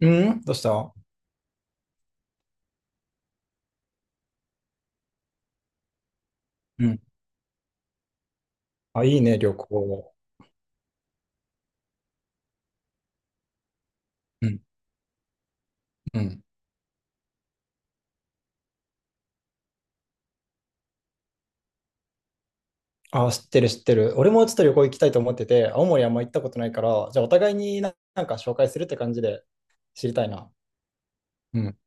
うん。どうした？うん。あ、いいね、旅行。うん。うん。あ、知ってる、知ってる。俺もちょっと旅行行きたいと思ってて、青森あんま行ったことないから、じゃあお互いにな、なんか紹介するって感じで知りたいな。うん。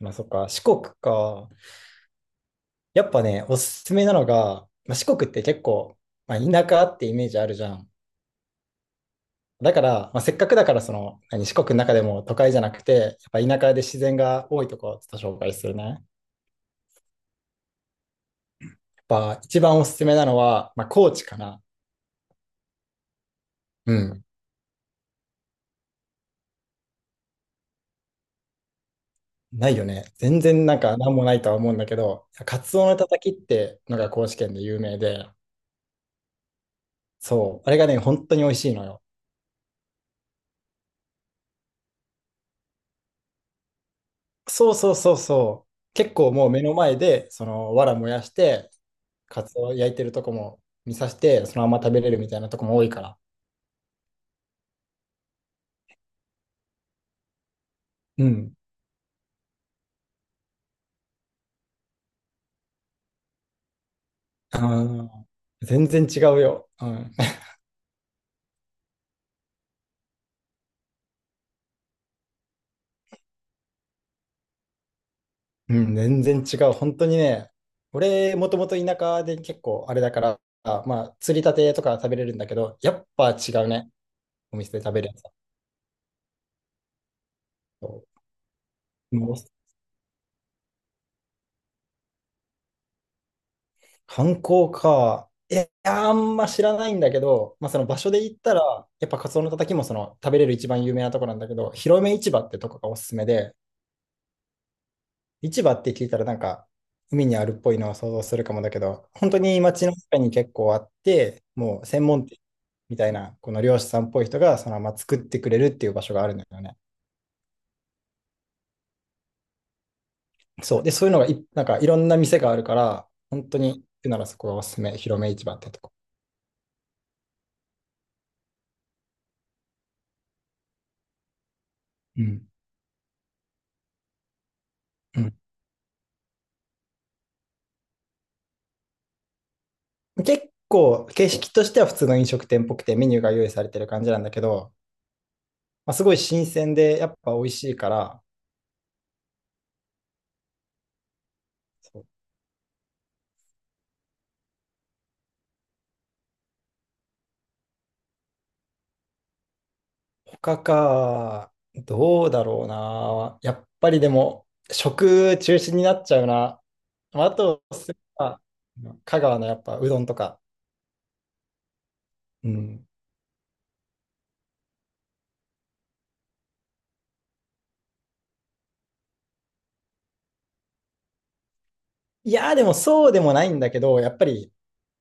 まあそっか、四国か。やっぱね、おすすめなのが、まあ、四国って結構、まあ、田舎ってイメージあるじゃん。だから、まあ、せっかくだからその、何、四国の中でも都会じゃなくて、やっぱ田舎で自然が多いとこをちょっと紹介するね。やっぱ一番おすすめなのは、まあ、高知かな。うん。ないよね。全然なんか何もないとは思うんだけど、カツオのたたきってのが高知県で有名で、そう、あれがね、本当に美味しいのよ。そうそうそうそう。結構もう目の前で、その、藁燃やして、カツオ焼いてるとこも見さして、そのまま食べれるみたいなとこも多いから。うん。あー、全然違うよ。うん。うん、全然違う。本当にね、俺、もともと田舎で結構あれだから、まあ、釣りたてとか食べれるんだけど、やっぱ違うね。お店で食べるやつは。もう観光か。いや、あんま知らないんだけど、まあ、その場所で行ったら、やっぱカツオのたたきもその食べれる一番有名なとこなんだけど、広め市場ってとこがおすすめで、市場って聞いたらなんか海にあるっぽいのを想像するかもだけど、本当に街の中に結構あって、もう専門店みたいな、この漁師さんっぽい人がそのまま作ってくれるっていう場所があるんだよね。そう。で、そういうのがい、なんかいろんな店があるから、本当に行くならそこがおすすめ、広め市場ってとこ。うん。うん、結構、形式としては普通の飲食店っぽくて、メニューが用意されてる感じなんだけど、まあ、すごい新鮮で、やっぱ美味しいから、そう。他か、どうだろうな。やっぱりでも、食中心になっちゃうな。まあ、あと、すれば香川のやっぱうどんとか。うん。いやー、でもそうでもないんだけど、やっぱり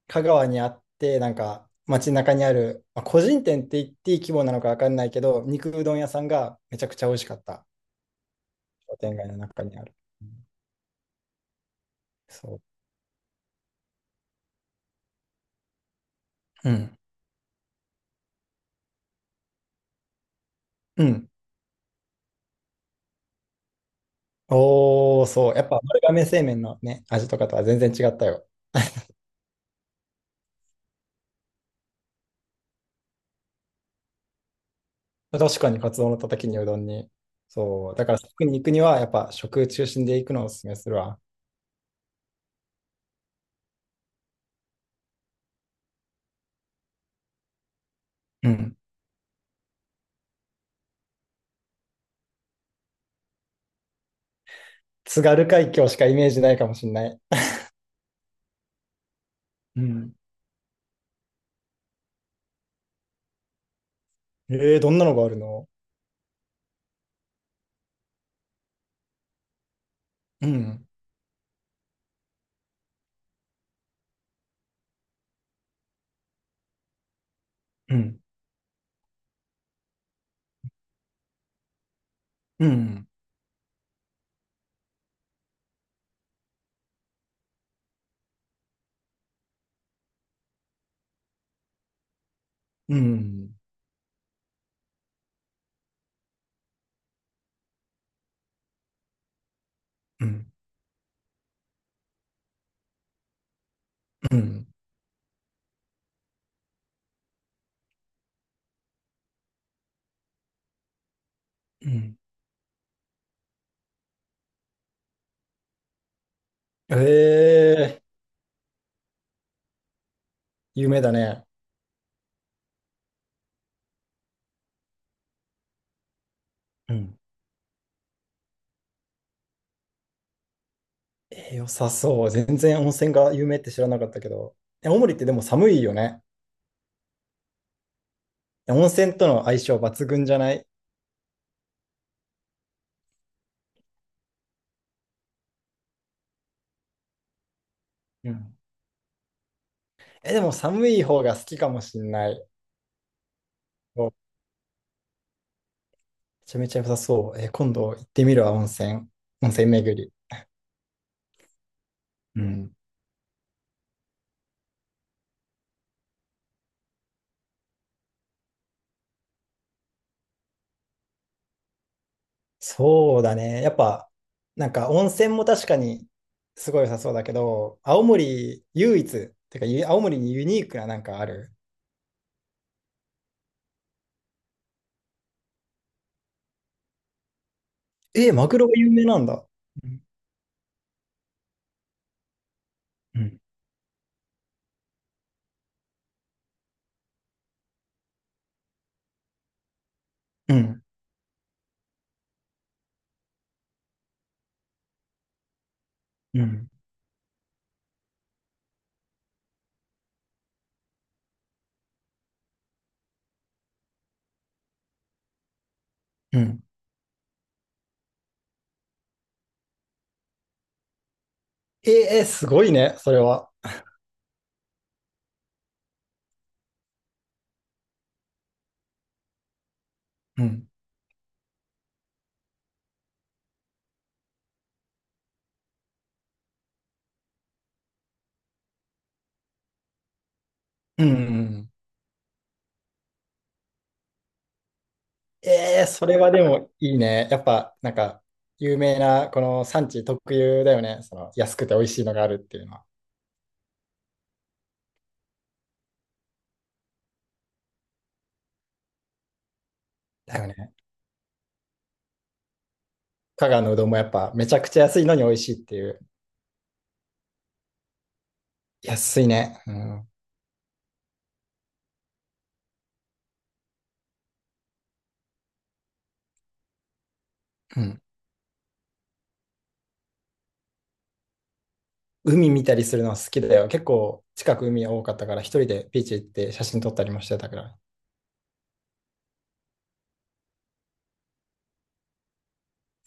香川にあって、なんか街中にある、まあ、個人店って言っていい規模なのかわかんないけど、肉うどん屋さんがめちゃくちゃ美味しかった。商店街の中にある。うん、そう。うん。うん。おー、そう。やっぱ丸亀製麺のね、味とかとは全然違ったよ。確かにカツオのたたきにうどんに。そう。だから食に行くには、やっぱ食中心で行くのをおすすめするわ。うん。津軽海峡しかイメージないかもしんない。うん。えー、どんなのがあるの？うん。うん。うん。うん。うん。うん。うん。えー、夢だね。うん、えー良さそう。全然温泉が有名って知らなかったけど。え、青森ってでも寒いよね。え、温泉との相性抜群じゃない？うん。え、でも寒い方が好きかもしんない。おめちゃめちゃ良さそう。え、今度行ってみるわ、温泉。温泉巡り。うん。そうだね。やっぱ、なんか温泉も確かにすごい良さそうだけど、青森唯一、てか青森にユニークななんかある？えー、マグロが有名なんだ。うん。うん。うん。うん。うん、ええすごいね、それは。うん。うん、うん、ええそれはでもいいね。やっぱ、なんか、有名な、この産地特有だよね。その、安くて美味しいのがあるっていうのは。だよね。香川のうどんもやっぱ、めちゃくちゃ安いのに美味しいっていう。安いね。うん。うん。海見たりするのは好きだよ。結構、近く海多かったから、一人でビーチ行って写真撮ったりもしてたから。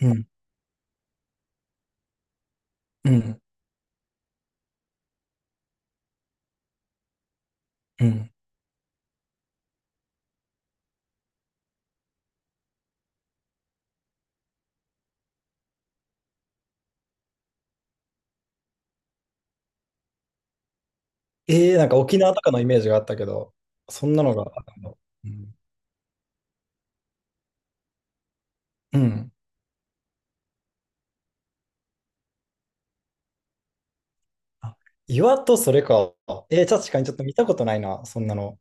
うん。うん。うん。ええなんか沖縄とかのイメージがあったけど、そんなのがあったの。うん。うん。あ、岩とそれか。えー、確かにちょっと見たことないな、そんなの。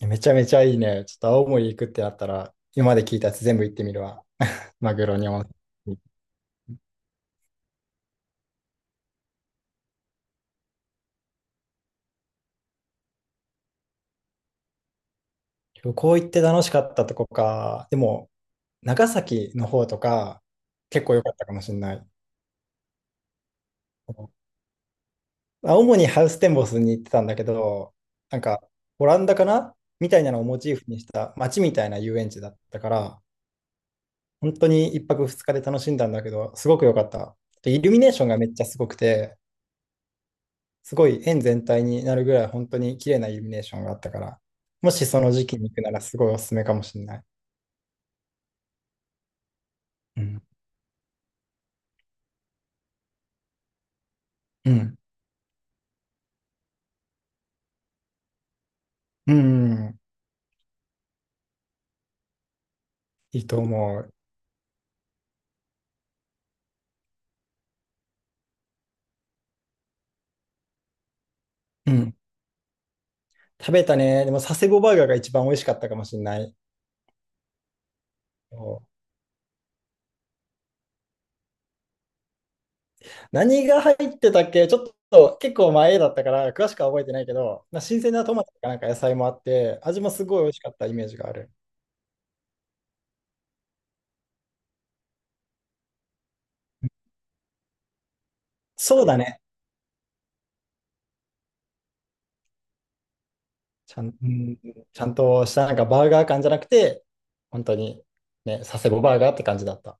めちゃめちゃいいね。ちょっと青森行くってなったら、今まで聞いたやつ全部行ってみるわ。マグロにも。旅行行って楽しかったとこか。でも、長崎の方とか、結構良かったかもしれない。あ、主にハウステンボスに行ってたんだけど、なんか、オランダかなみたいなのをモチーフにした街みたいな遊園地だったから、本当に1泊2日で楽しんだんだけど、すごく良かった。でイルミネーションがめっちゃすごくて、すごい円全体になるぐらい本当に綺麗なイルミネーションがあったから、もしその時期に行くならすごいおすすめかもしれない。うん。うん。うん。いいと思う。うん。食べたね。でも佐世保バーガーが一番美味しかったかもしれない。そう、何が入ってたっけ？ちょっと結構前だったから詳しくは覚えてないけど、まあ、新鮮なトマトとかなんか野菜もあって、味もすごい美味しかったイメージがある。そうだね。ちゃん、うんちゃんとしたなんかバーガー感じゃなくて、本当にね、佐世保バーガーって感じだった。